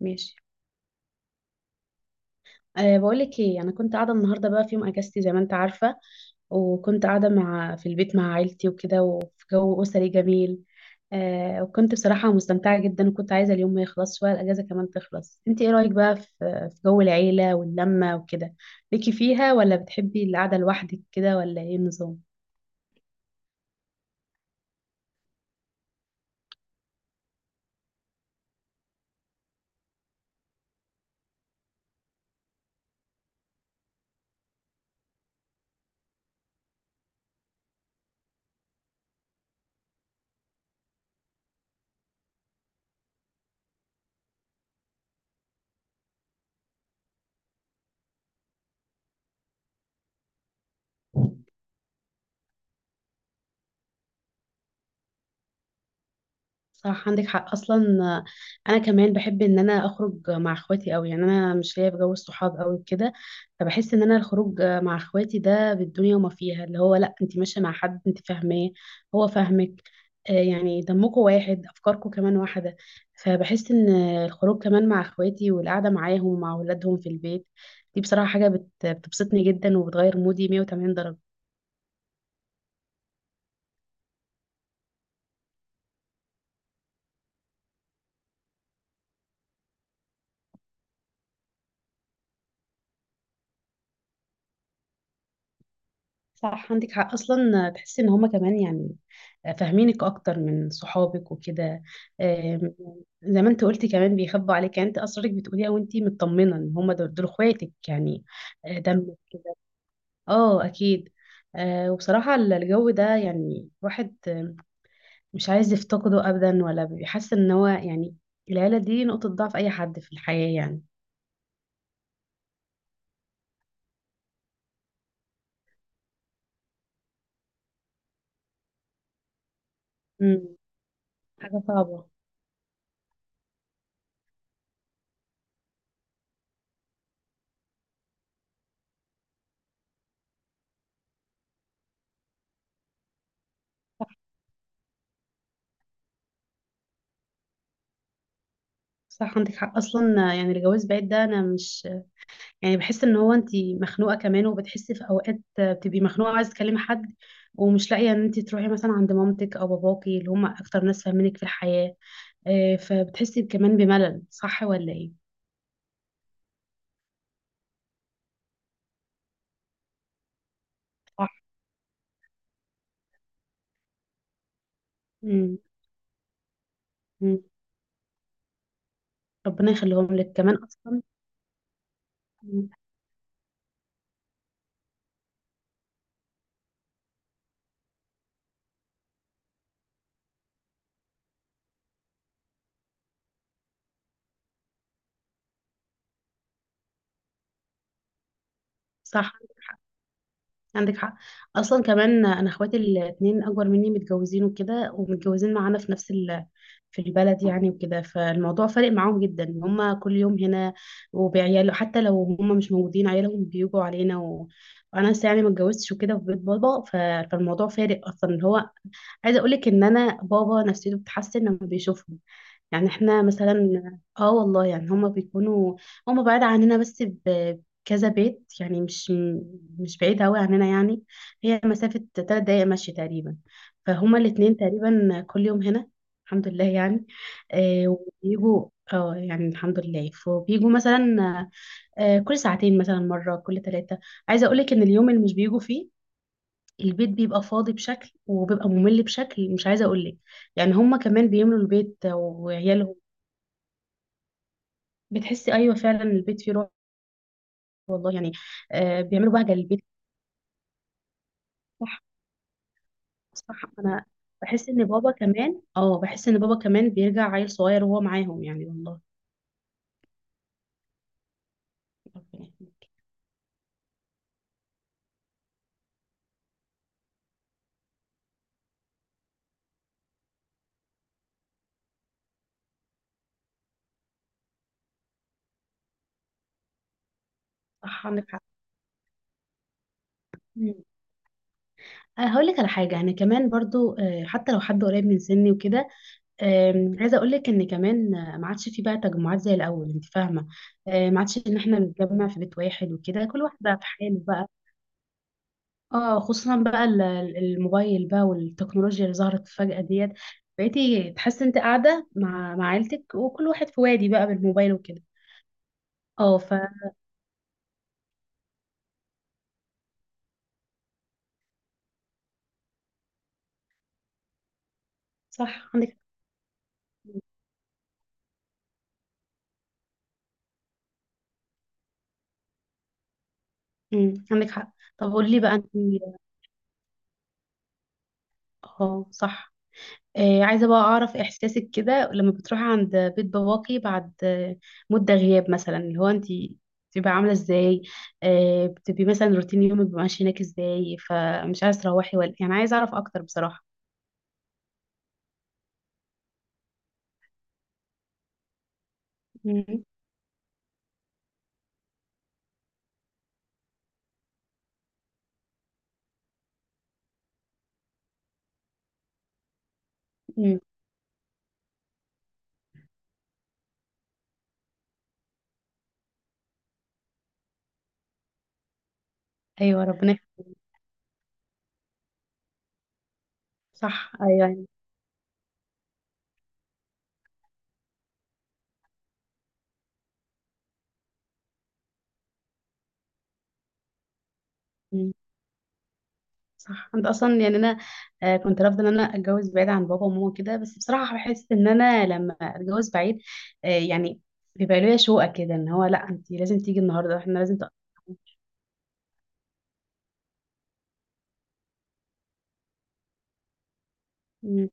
ماشي. بقولك ايه، انا كنت قاعده النهارده بقى في يوم اجازتي زي ما انت عارفه. وكنت قاعده في البيت مع عيلتي وكده، وفي جو اسري جميل. وكنت بصراحه مستمتعه جدا، وكنت عايزه اليوم ما يخلصش ولا الاجازه كمان تخلص. انت ايه رايك بقى في جو العيله واللمه وكده؟ ليكي فيها، ولا بتحبي القعده لوحدك كده، ولا ايه النظام؟ صح، عندك حق اصلا. انا كمان بحب ان انا اخرج مع اخواتي قوي، يعني انا مش ليا في جو الصحاب قوي كده. فبحس ان انا الخروج مع اخواتي ده بالدنيا وما فيها، اللي هو لا انت ماشيه مع حد انت فاهماه، هو فاهمك. يعني دمكم واحد، افكاركم كمان واحده. فبحس ان الخروج كمان مع اخواتي والقعده معاهم مع اولادهم في البيت، دي بصراحه حاجه بتبسطني جدا وبتغير مودي 180 درجه. صح، عندك حق اصلا. تحسي ان هما كمان يعني فاهمينك اكتر من صحابك وكده. آم، زي ما انت قلتي كمان بيخبوا عليك، يعني انت اسرارك بتقوليها وانت مطمنه ان هما دول اخواتك يعني. آه، دم اه اكيد. وبصراحه الجو ده يعني الواحد مش عايز يفتقده ابدا، ولا بيحس ان هو يعني العيله دي نقطه ضعف اي حد في الحياه يعني. مم، حاجه صعبه. صح، عندك حق اصلا. يعني الجواز بعيد ده انا مش يعني، بحس ان هو انت مخنوقه كمان، وبتحسي في اوقات بتبقي مخنوقه وعايزه تكلمي حد ومش لاقيه، ان انت تروحي مثلا عند مامتك او باباكي اللي هم اكتر ناس فاهمينك في الحياه. فبتحسي كمان بملل، صح ولا ايه؟ صح. مم. مم. ربنا يخليهم لك كمان اصلا. مم. صح، عندك حق اصلا. كمان انا اخواتي الاتنين اكبر مني متجوزين وكده، ومتجوزين معانا في نفس في البلد يعني وكده. فالموضوع فارق معاهم جدا إن هما كل يوم هنا وبعياله. حتى لو هما مش موجودين، بيجوا علينا وانا لسه يعني ما اتجوزتش وكده، في بيت بابا. فالموضوع فارق اصلا، اللي هو عايزه اقول لك ان انا بابا نفسيته بتتحسن لما بيشوفهم. يعني احنا مثلا اه والله يعني هما بيكونوا، هما بعاد عننا بس كذا بيت، يعني مش مش بعيد أوي عننا يعني. هي مسافة 3 دقايق مشي تقريبا. فهما الاتنين تقريبا كل يوم هنا، الحمد لله يعني. وبيجوا، اه يعني الحمد لله، فبيجوا مثلا كل ساعتين مثلا مرة، كل ثلاثة. عايزة أقولك إن اليوم اللي مش بيجوا فيه، البيت بيبقى فاضي بشكل وبيبقى ممل بشكل مش عايزة أقولك. يعني هما كمان بيملوا البيت وعيالهم. بتحسي أيوة فعلا، البيت فيه روح، والله يعني. بيعملوا بهجة للبيت. صح، انا بحس ان بابا كمان، اه بحس ان بابا كمان بيرجع عيل صغير وهو معاهم يعني، والله. اوكي. صح، عندك حق. مم. أنا هقول لك على حاجة. أنا كمان برضو حتى لو حد قريب من سني وكده، عايزة أقول لك إن كمان ما عادش في بقى تجمعات زي الأول، أنت فاهمة. ما عادش إن إحنا بنتجمع في بيت واحد وكده، كل واحد بقى في حاله بقى. اه خصوصا بقى الموبايل بقى والتكنولوجيا اللي ظهرت فجأة ديت. بقيتي تحسي أنت قاعدة مع عيلتك، وكل واحد في وادي بقى بالموبايل وكده. اه ف، صح عندك حق. عندك حق. طب قولي لي بقى انت، اه صح، آه عايزه بقى اعرف احساسك كده لما بتروحي عند بيت باباكي بعد مده غياب مثلا، اللي هو انت بتبقى عامله ازاي؟ بتبقي مثلا روتين يومك بيبقى ماشي هناك ازاي؟ فمش عايزه تروحي ولا يعني، عايزه اعرف اكتر بصراحه. امم أمم. ايوه، ربنا صح. ايوه، أيوة. صح، انت اصلا يعني انا كنت رافضه ان انا اتجوز بعيد عن بابا وماما كده، بس بصراحه بحس ان انا لما اتجوز بعيد يعني بيبقى ليا شوقه كده، ان هو لا انت لازم تيجي النهارده، احنا لازم مم،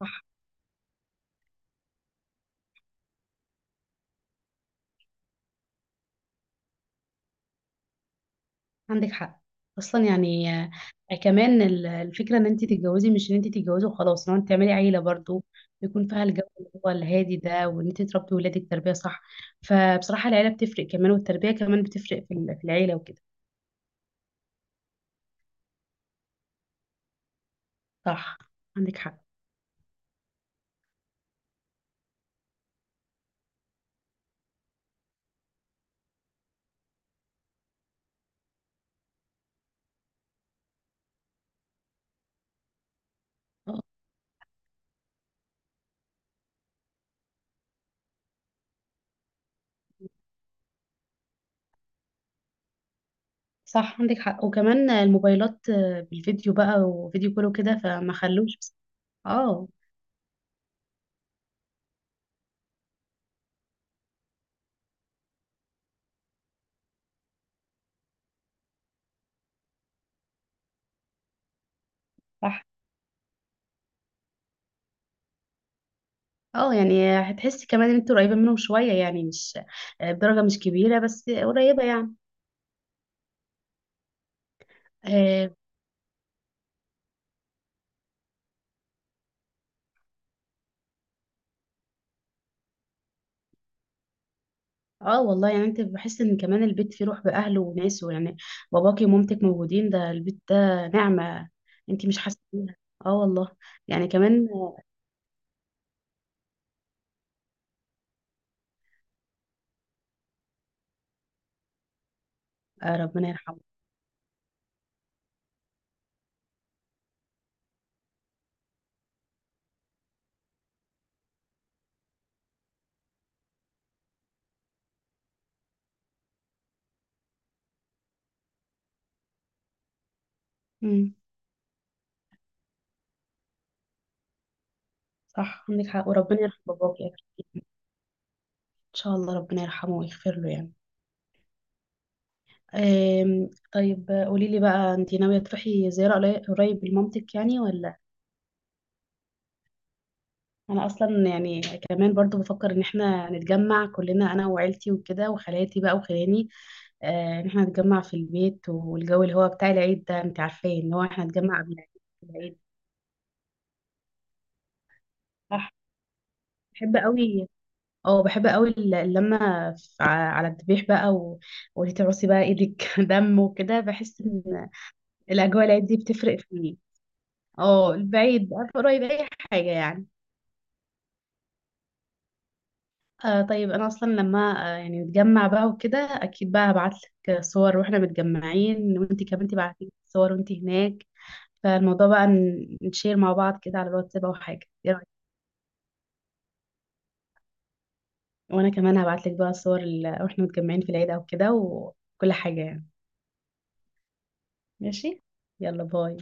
صح، عندك حق اصلا يعني. كمان الفكره ان انت تتجوزي، مش ان انت تتجوزي وخلاص، ان انت تعملي عيله برضو يكون فيها الجو اللي هو الهادي ده، وان انت تربي ولادك تربيه صح. فبصراحه العيله بتفرق كمان، والتربيه كمان بتفرق في في العيله وكده. صح، عندك حق. صح، عندك حق. وكمان الموبايلات بالفيديو بقى، وفيديو كله كده، فما خلوش. اه صح. اه، يعني هتحسي كمان ان انت قريبة منهم شوية، يعني مش بدرجة مش كبيرة، بس قريبة يعني. اه. والله يعني، انت بحس ان كمان البيت فيه روح بأهله وناسه يعني. باباكي ومامتك موجودين، ده البيت ده نعمة انت مش حاسة بيها. اه والله يعني كمان. ربنا يرحمه. امم صح، عندك حق. وربنا يرحم باباكي، ان شاء الله ربنا يرحمه ويغفر له يعني. طيب قولي لي بقى، انت ناوية تروحي زيارة قريب لمامتك يعني ولا؟ انا اصلا يعني كمان برضو بفكر ان احنا نتجمع كلنا، انا وعيلتي وكده، وخالاتي بقى وخلاني، ان احنا نتجمع في البيت، والجو اللي هو بتاع العيد ده انت عارفاه، ان هو احنا نتجمع قبل العيد. صح. بحب قوي. اه بحب قوي اللمة. ف- ع- على الذبيح بقى وليه تعوصي بقى ايدك دم وكده، بحس ان الاجواء العيد دي بتفرق في، اه البعيد بقى قريب اي حاجة يعني. طيب انا اصلا لما يعني نتجمع بقى وكده، اكيد بقى هبعت لك صور واحنا متجمعين، وانتي كمان تبعتي لي صور وانتي هناك. فالموضوع بقى نشير مع بعض كده على الواتساب او حاجه، ايه رايك؟ وانا كمان هبعت لك بقى صور واحنا متجمعين في العيد او كده، وكل حاجه يعني. ماشي. يلا باي.